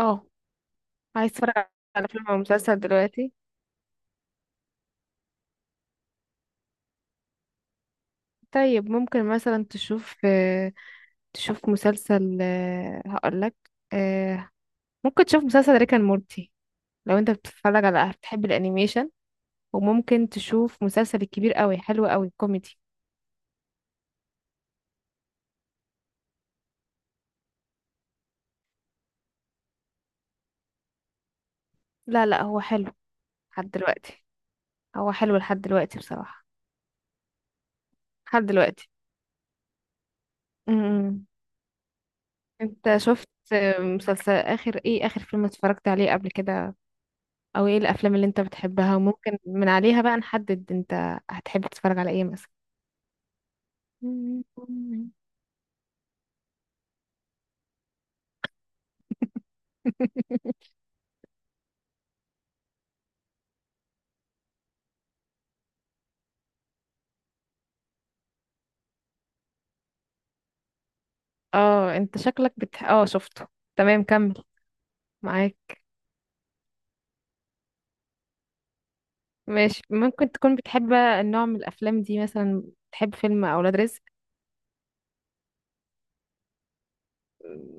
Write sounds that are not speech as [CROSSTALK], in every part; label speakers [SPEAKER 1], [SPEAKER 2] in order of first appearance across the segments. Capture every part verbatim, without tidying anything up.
[SPEAKER 1] اه، عايز اتفرج على فيلم او مسلسل دلوقتي. طيب ممكن مثلا تشوف آه، تشوف مسلسل آه، هقولك آه، ممكن تشوف مسلسل ريك اند مورتي لو انت بتتفرج على بتحب الانيميشن. وممكن تشوف مسلسل الكبير قوي، حلو قوي كوميدي. لا، لا، هو حلو لحد دلوقتي. هو حلو لحد دلوقتي بصراحة، لحد دلوقتي. م- م. انت شفت آه، مسلسل اخر ايه اخر فيلم اتفرجت عليه قبل كده؟ او ايه الافلام اللي انت بتحبها وممكن من عليها بقى نحدد انت هتحب تتفرج على ايه مثلا؟ [LAUGHS] اه، انت شكلك بتح... اه شفته. تمام، كمل. معاك. ماشي، ممكن تكون بتحب النوع من الافلام دي مثلا. بتحب فيلم اولاد رزق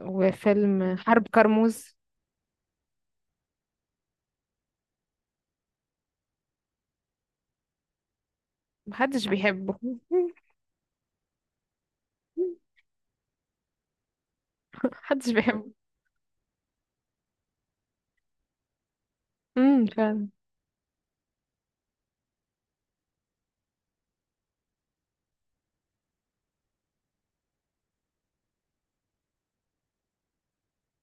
[SPEAKER 1] وفيلم حرب كرموز. محدش بيحبه. [LAUGHS] محدش بيحبه. امم فعلا.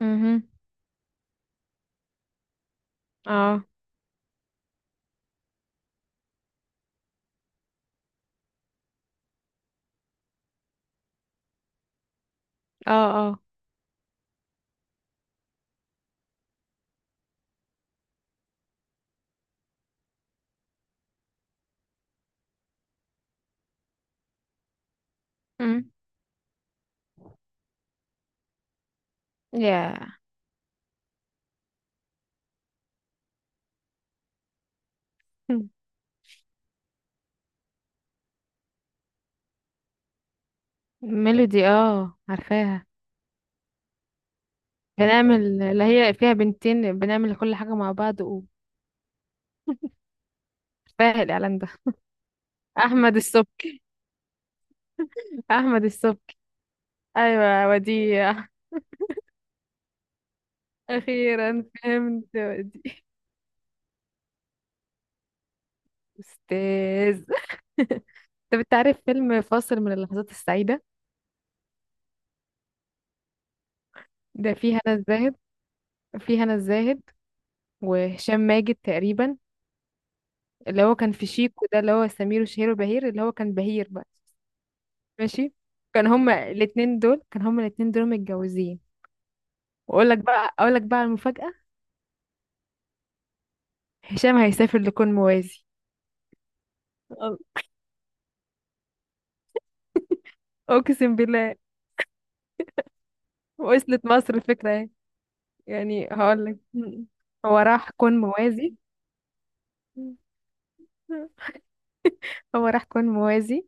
[SPEAKER 1] امم. اه. اه. اه. امم. يا [LAUGHS] ميلودي، اه، عارفاها. بنعمل اللي هي فيها بنتين، بنعمل كل حاجة مع بعض، وفاهم الإعلان ده. أحمد السبكي، أحمد السبكي. أيوة وديع. أخيرا فهمت، وديع. أستاذ. [LAUGHS] طب أنت عارف فيلم فاصل من اللحظات السعيدة؟ ده فيه هنا الزاهد، فيه هنا الزاهد، وهشام ماجد تقريبا، اللي هو كان في شيكو ده، اللي هو سمير وشهير وبهير، اللي هو كان بهير بقى. ماشي. كان هما الاتنين دول كان هما الاتنين دول متجوزين. واقول لك بقى اقول لك بقى المفاجأة. هشام هيسافر لكون موازي. أ- اقسم بالله وصلت مصر. الفكرة ايه؟ يعني هقول لك. هو راح كون موازي، هو راح كون موازي.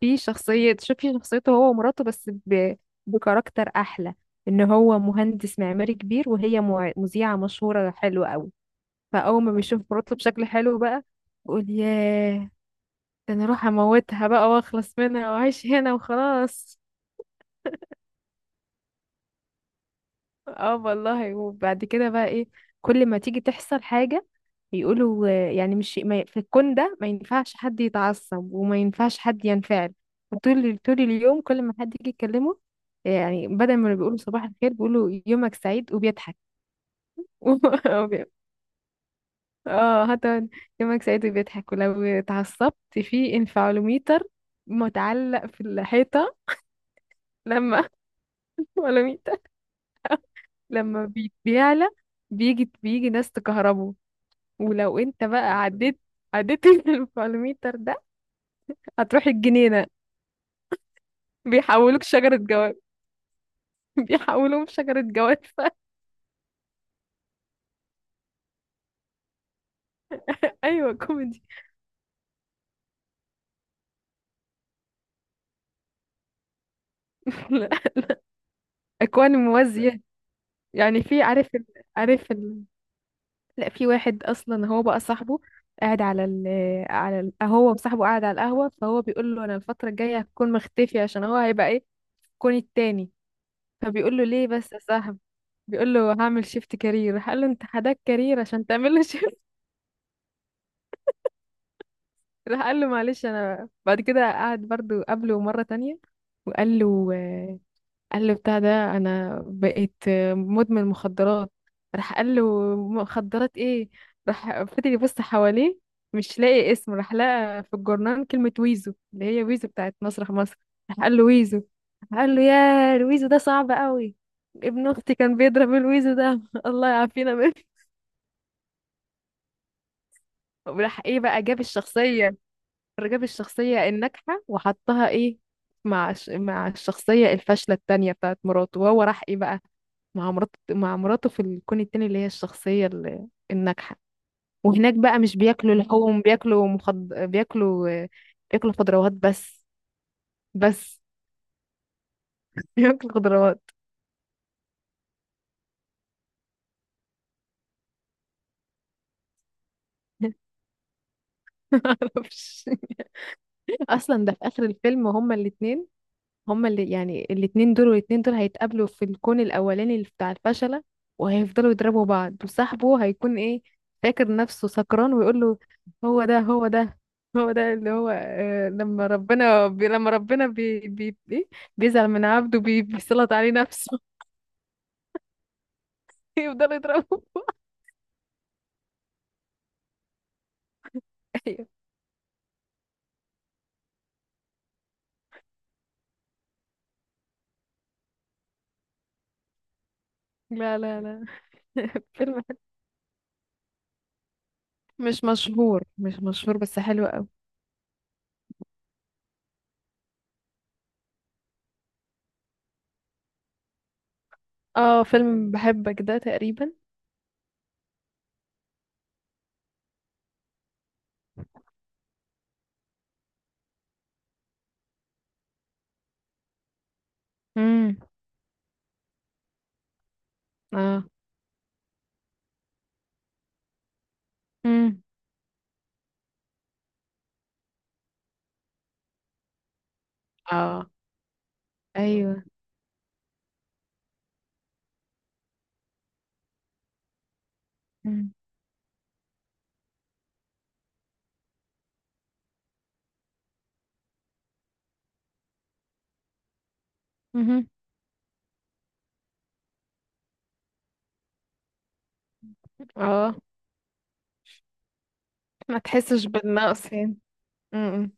[SPEAKER 1] في شخصية، شوفي شخصيته هو ومراته، بس ب... بكاركتر احلى. ان هو مهندس معماري كبير، وهي مع- مذيعة مشهورة حلوة قوي. فاول ما بيشوف مراته بشكل حلو بقى، بيقول، ياه، ده انا اروح اموتها بقى واخلص منها واعيش هنا وخلاص. اه والله. وبعد كده بقى ايه، كل ما تيجي تحصل حاجة يقولوا آه، يعني مش ما ي- في الكون ده ما ينفعش حد يتعصب وما ينفعش حد ينفعل. وطول طول اليوم، كل ما حد يجي يكلمه آه، يعني بدل ما بيقولوا صباح الخير، بيقولوا يومك سعيد وبيضحك. [LAUGHS] وبي- اه، حتى يومك سعيد وبيضحك، ولو اتعصبت في انفعالوميتر متعلق في الحيطة. لما [LAUGHS] انفعالوميتر، لما بي- بيعلى، بيجي بيجي ناس تكهربه. ولو انت بقى عديت عديت [LAUGHS] الفالوميتر ده، هتروح الجنينة. بيحولوك شجرة جواب بيحولوهم شجرة جواب. [LAUGHS] ايوه كوميدي. لا، اكوان موازية. يعني في عارف ال... عارف ال... لا، في واحد اصلا هو بقى صاحبه قاعد على ال... على ال... هو وصاحبه قاعد على القهوة، فهو بيقول له، انا الفترة الجاية هكون مختفي عشان هو هيبقى ايه، الكون التاني. فبيقول له، ليه بس يا صاحبي؟ بيقول له، هعمل شيفت كارير. قال له، انت حداك كارير عشان تعمل له؟ راح قال له معلش. انا بعد كده قعد برضو قابله مرة تانية، وقال له آه، قال له بتاع ده، انا بقيت آه، مدمن مخدرات. راح قال له، مخدرات ايه؟ راح فضل يبص حواليه، مش لاقي اسم، راح لقى في الجورنال كلمة ويزو، اللي هي ويزو بتاعت مسرح مصر. راح قال له، ويزو. راح قال له، يا ويزو، ده صعب قوي. ابن اختي كان بيضرب الويزو ده. [LAUGHS] الله يعافينا منه. [LAUGHS] وراح ايه بقى، جاب الشخصية جاب الشخصية الناجحة وحطها ايه، مع الش- مع الشخصية الفاشلة التانية بتاعت مراته. وهو راح ايه بقى، مع مراته مع مراته في الكون التاني، اللي هي الشخصية ال- الناجحة. وهناك بقى مش بياكلوا لحوم، بياكلوا مخض... بياكلوا بياكلوا خضروات بس. بس. [LAUGHS] بياكلوا خضروات. [LAUGHS] معرفش. اصلا ده في اخر الفيلم، هما الاتنين، هما اللي يعني الاتنين دول والاتنين دول هيتقابلوا في الكون الأولاني اللي بتاع الفشلة، وهيفضلوا يضربوا بعض. وصاحبه هيكون ايه، فاكر نفسه سكران ويقول له، هو ده، هو ده، هو ده اللي هو آه لما ربنا بي لما ربنا بي بي إيه؟ بيزعل من عبده، بي بيسلط عليه نفسه. [LAUGHS] يفضل يضربه. أيوة. لا، لا، لا. [LAUGHS] فيلم حلو. مش مشهور، مش مشهور، بس حلو قوي. اه، فيلم بحبك ده تقريبا. امم. اه. امم. اه. ايوه. مهم. اه. ما تحسش بالنقص يعني. امم.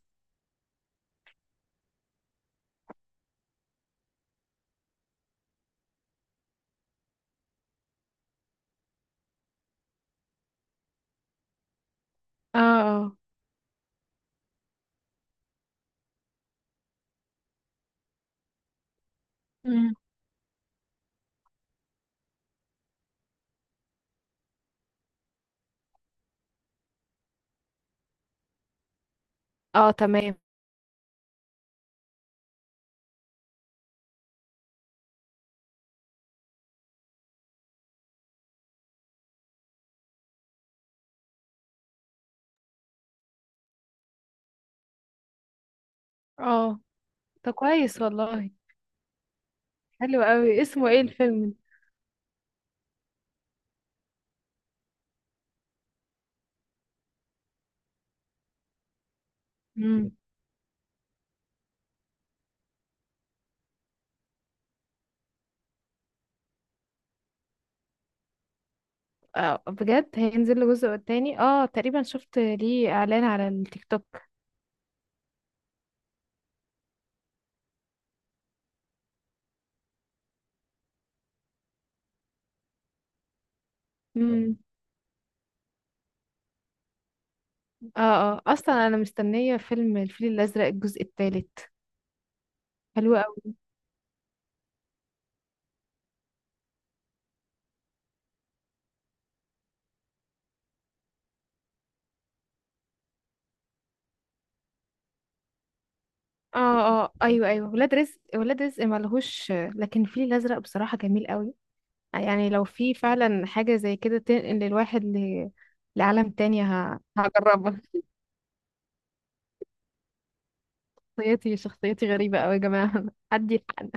[SPEAKER 1] اه. اه. مم. اه، تمام. اه، ده كويس والله. حلو قوي. اسمه ايه الفيلم ده؟ مم. اه، بجد هينزل له جزء تاني؟ اه تقريبا شفت ليه اعلان على التيك توك. امم. اه. اه، اصلا انا مستنيه فيلم الفيل الازرق الجزء الثالث. حلو قوي. اه. اه. ايوه، ايوه، ولاد رزق، ولاد رزق ملهوش، لكن الفيل الازرق بصراحه جميل قوي. يعني لو في فعلا حاجة زي كده تنقل الواحد ل... لعالم تاني، ه... هجربها. [LAUGHS] شخصيتي شخصيتي غريبة أوي يا جماعة. [LAUGHS] حد حد.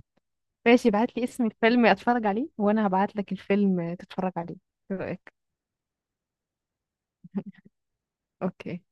[SPEAKER 1] ماشي، ابعت لي اسم الفيلم اتفرج عليه، وانا هبعت لك الفيلم تتفرج عليه. ايه رأيك؟ اوكي.